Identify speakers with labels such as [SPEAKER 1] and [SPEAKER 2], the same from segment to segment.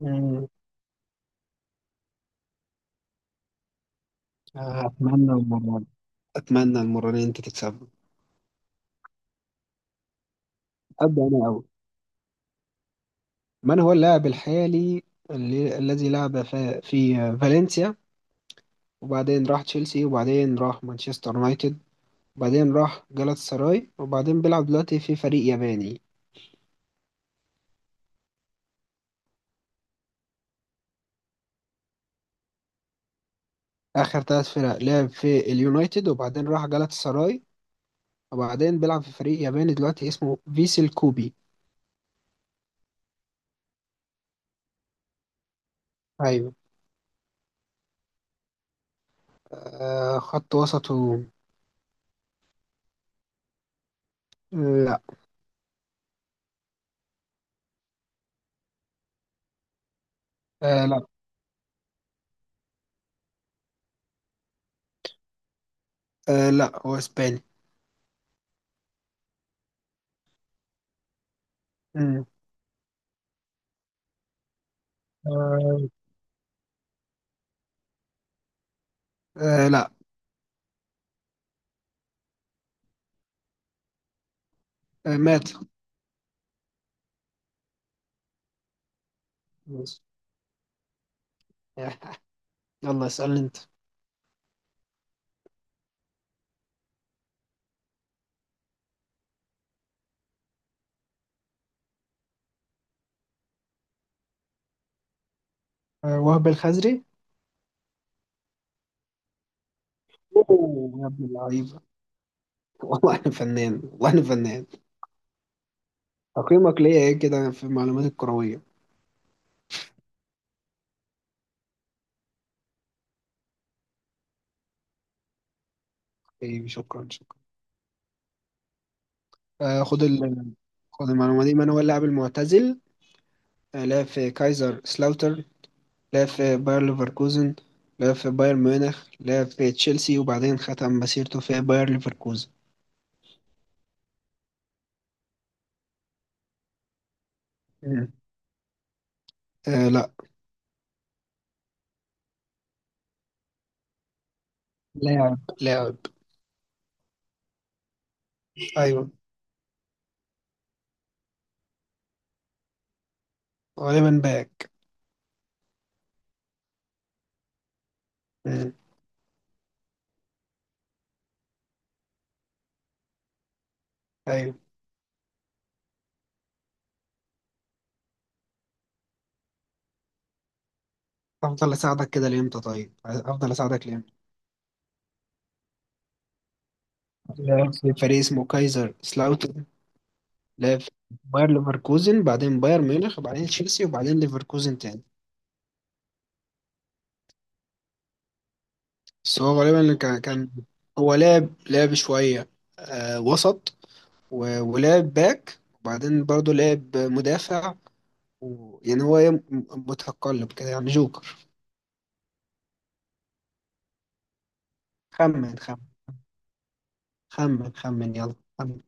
[SPEAKER 1] مم. أتمنى المرة دي أتمنى المرة دي أنت تكسبه. أبدأ أنا أول. من هو اللاعب الحالي الذي لعب في فالنسيا، وبعدين راح تشيلسي، وبعدين راح مانشستر يونايتد، وبعدين راح جالاتا سراي، وبعدين بيلعب دلوقتي في فريق ياباني؟ آخر ثلاث فرق لعب في اليونايتد، وبعدين راح جالاتا سراي، وبعدين بيلعب في فريق ياباني دلوقتي اسمه فيسل كوبي. أيوه. خط وسطه. لا. آه لا. آه لا، هو إسباني. مم. آه. آه لا. مات. ماشي. يلا اسألني انت. وهب الخزري. اوه يا ابن اللعيبة! والله انا فنان، والله انا فنان. تقييمك ليا ايه كده في المعلومات الكروية؟ طيب، شكرا شكرا. آه خد ال... خد المعلومة دي. من هو اللاعب المعتزل لعب في كايزر سلاوتر، لعب في باير ليفركوزن، لعب في بايرن ميونخ، لعب في تشيلسي، وبعدين ختم مسيرته في باير ليفركوزن؟ مم. آه لا. لاعب لاعب. ايوه. غالبا باك. مم. ايوه. افضل اساعدك كده لامتى؟ طيب، افضل اساعدك لامتى؟ في فريق اسمه كايزر سلاوتر، لاف، باير ليفركوزن، بعدين باير ميونخ، بعدين تشيلسي، وبعدين ليفركوزن تاني. بس هو غالبا كان. هو لعب شوية. وسط، ولعب باك، وبعدين برضه لعب مدافع. و... يعني هو إيه، م- متقلب كده يعني جوكر. خمن خمن، خمن خمن، يلا خمن.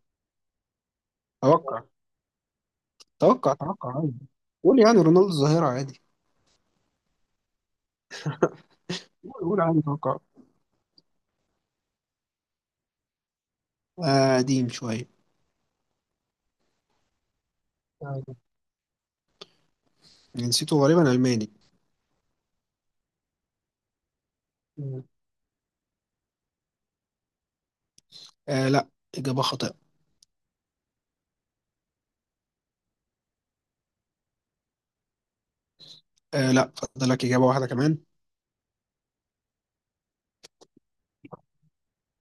[SPEAKER 1] توقع. توقع توقع عادي. قول يعني رونالدو الظاهرة عادي. قول قول عادي، توقع. قديم شوية. أيوة. جنسيته غالبا ألماني. مم. آه لا، إجابة خاطئة. آه لا، فاضل لك إجابة واحدة كمان.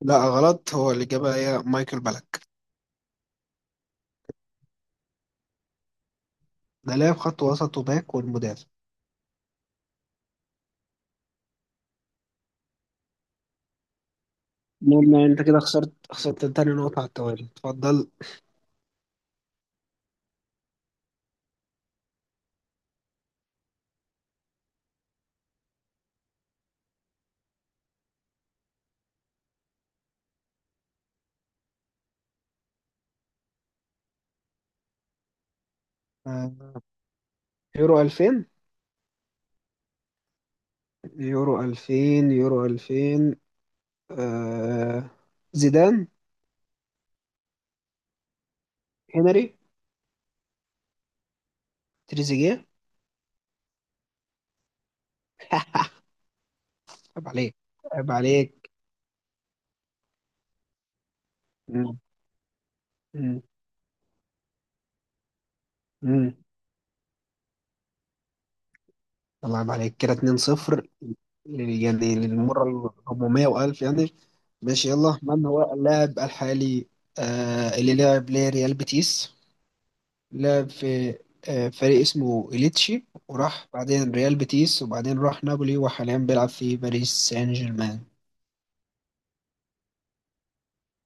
[SPEAKER 1] لا غلط، هو الإجابة هي مايكل بالك. ده لاعب خط وسط وباك والمدافع. المهم يعني أنت كده خسرت تاني نقطة على التوالي. اتفضل. آه يورو 2000، يورو 2000، يورو 2000. آه زيدان، هنري، تريزيجيه. عيب عليك، عيب عليك. مم. مم. مم. الله يبارك عليك كده، 2-0. يعني للمرة ال 400 وألف يعني. ماشي. يلا، من هو اللاعب الحالي اللي لعب لريال بيتيس، لعب في فريق اسمه إليتشي، وراح بعدين ريال بيتيس، وبعدين راح نابولي، وحاليا بيلعب في باريس سان جيرمان؟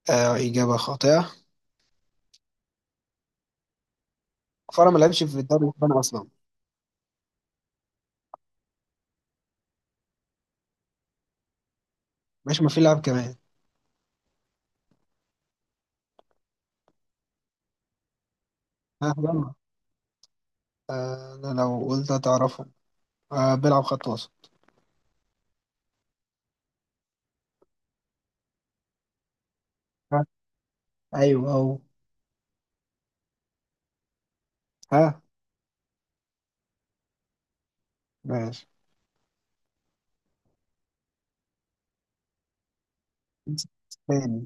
[SPEAKER 1] إجابة خاطئة. كفارة، ما لعبش في الدوري الإسباني أصلا. ماشي. ما في لاعب كمان؟ ها، يلا. أنا لو قلت هتعرفه؟ بيلعب خط وسط. ها. أيوه أهو. ها. ماشي. تاني.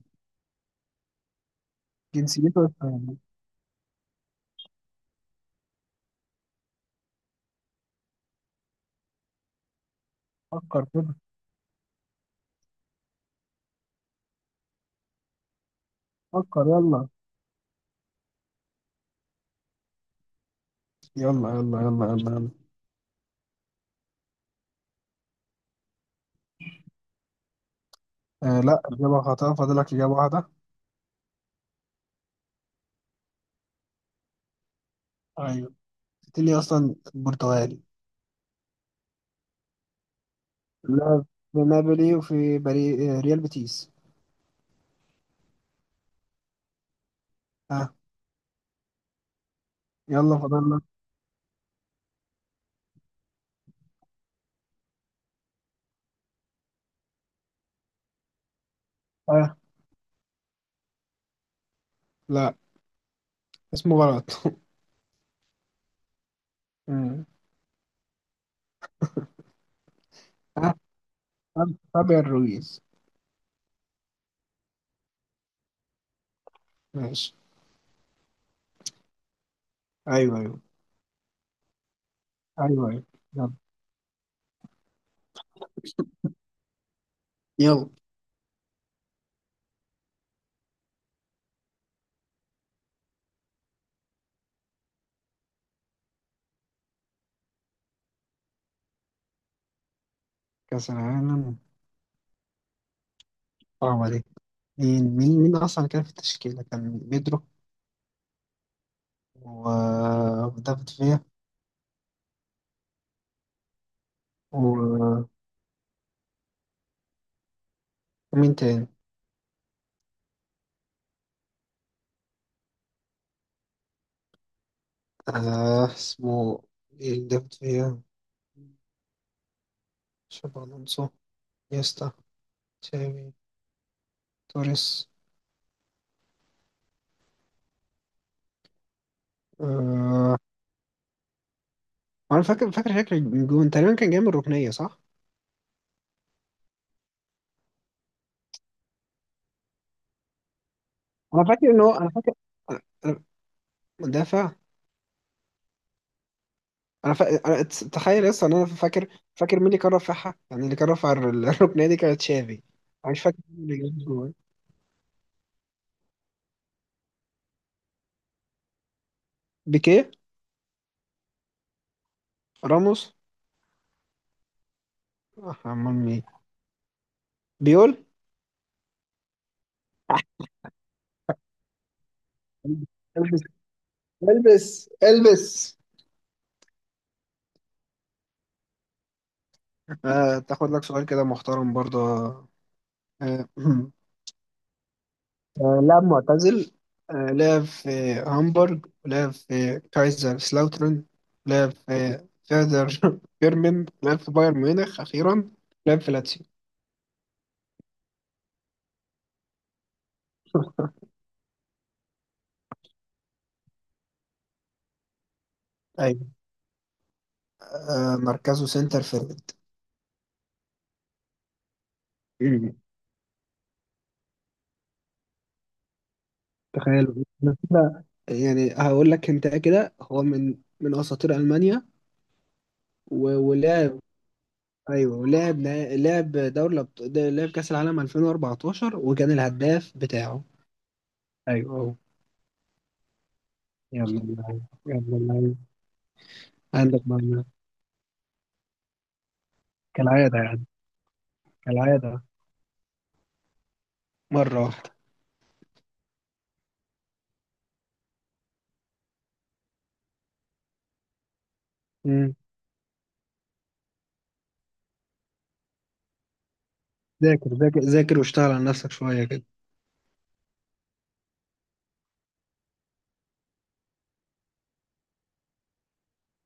[SPEAKER 1] جنسيته اسباني. فكر كده. فكر، يلا. يلا يلا يلا يلا يلا. آه لا، إجابة خاطئة. فاضلك إجابة واحدة. أيوة. تاني أصلا برتغالي. لعب في نابولي، وفي بري... آه، ريال بيتيس. ها، يلا فاضلنا. ها. لا، اسمه غلط. مم. ها. فابيان رويز. ماشي. أيوة أيوة، أيوة أيوة. يلا يلا. كأس العالم، صعبة دي. مين أصلا كان في التشكيلة؟ كان بيدرو، ودافيد فيا، و ومين تاني؟ اسمه إيه؟ اللي دافد فيها، شابي ألونسو، نيستا، تشافي، توريس. آه. أنا فاكر فاكر شكل الجون تقريبا كان جاي من الركنية، صح؟ أنا فاكر. أنا أنا- مدافع. أنا, فا... أنا ت- تخيل لسه إن أنا فاكر. فاكر مين اللي كان رافعها، يعني اللي كان رافع الركنية دي، كانت تشافي. أنا مش فاكر مين اللي جاب الجون. بيكيه. راموس. آه، أمال مين؟ بيول. البس البس البس. آه، تاخد لك سؤال كده محترم برضه. آه، آه، لاعب معتزل. آه، لعب في هامبورغ، لعب في كايزر سلاوترن، لعب في فيردر بيرمن، لعب في بايرن ميونخ أخيرا، لعب في لاتسيو. أيوة. آه، مركزه سنتر فيرد. مم. تخيل. أنا كده يعني هقول لك انت كده هو من اساطير المانيا. ولعب. ايوه، ولعب نا- لعب دوري الأبط- ده- لعب كاس العالم 2014، وكان الهداف بتاعه. ايوه أهو. يلا اللعيب، يلا اللعيب. عندك معلومات، كالعادة يعني. كالعادة. مرة واحدة. مم. ذاكر ذاكر ذاكر، واشتغل على نفسك شوية كده.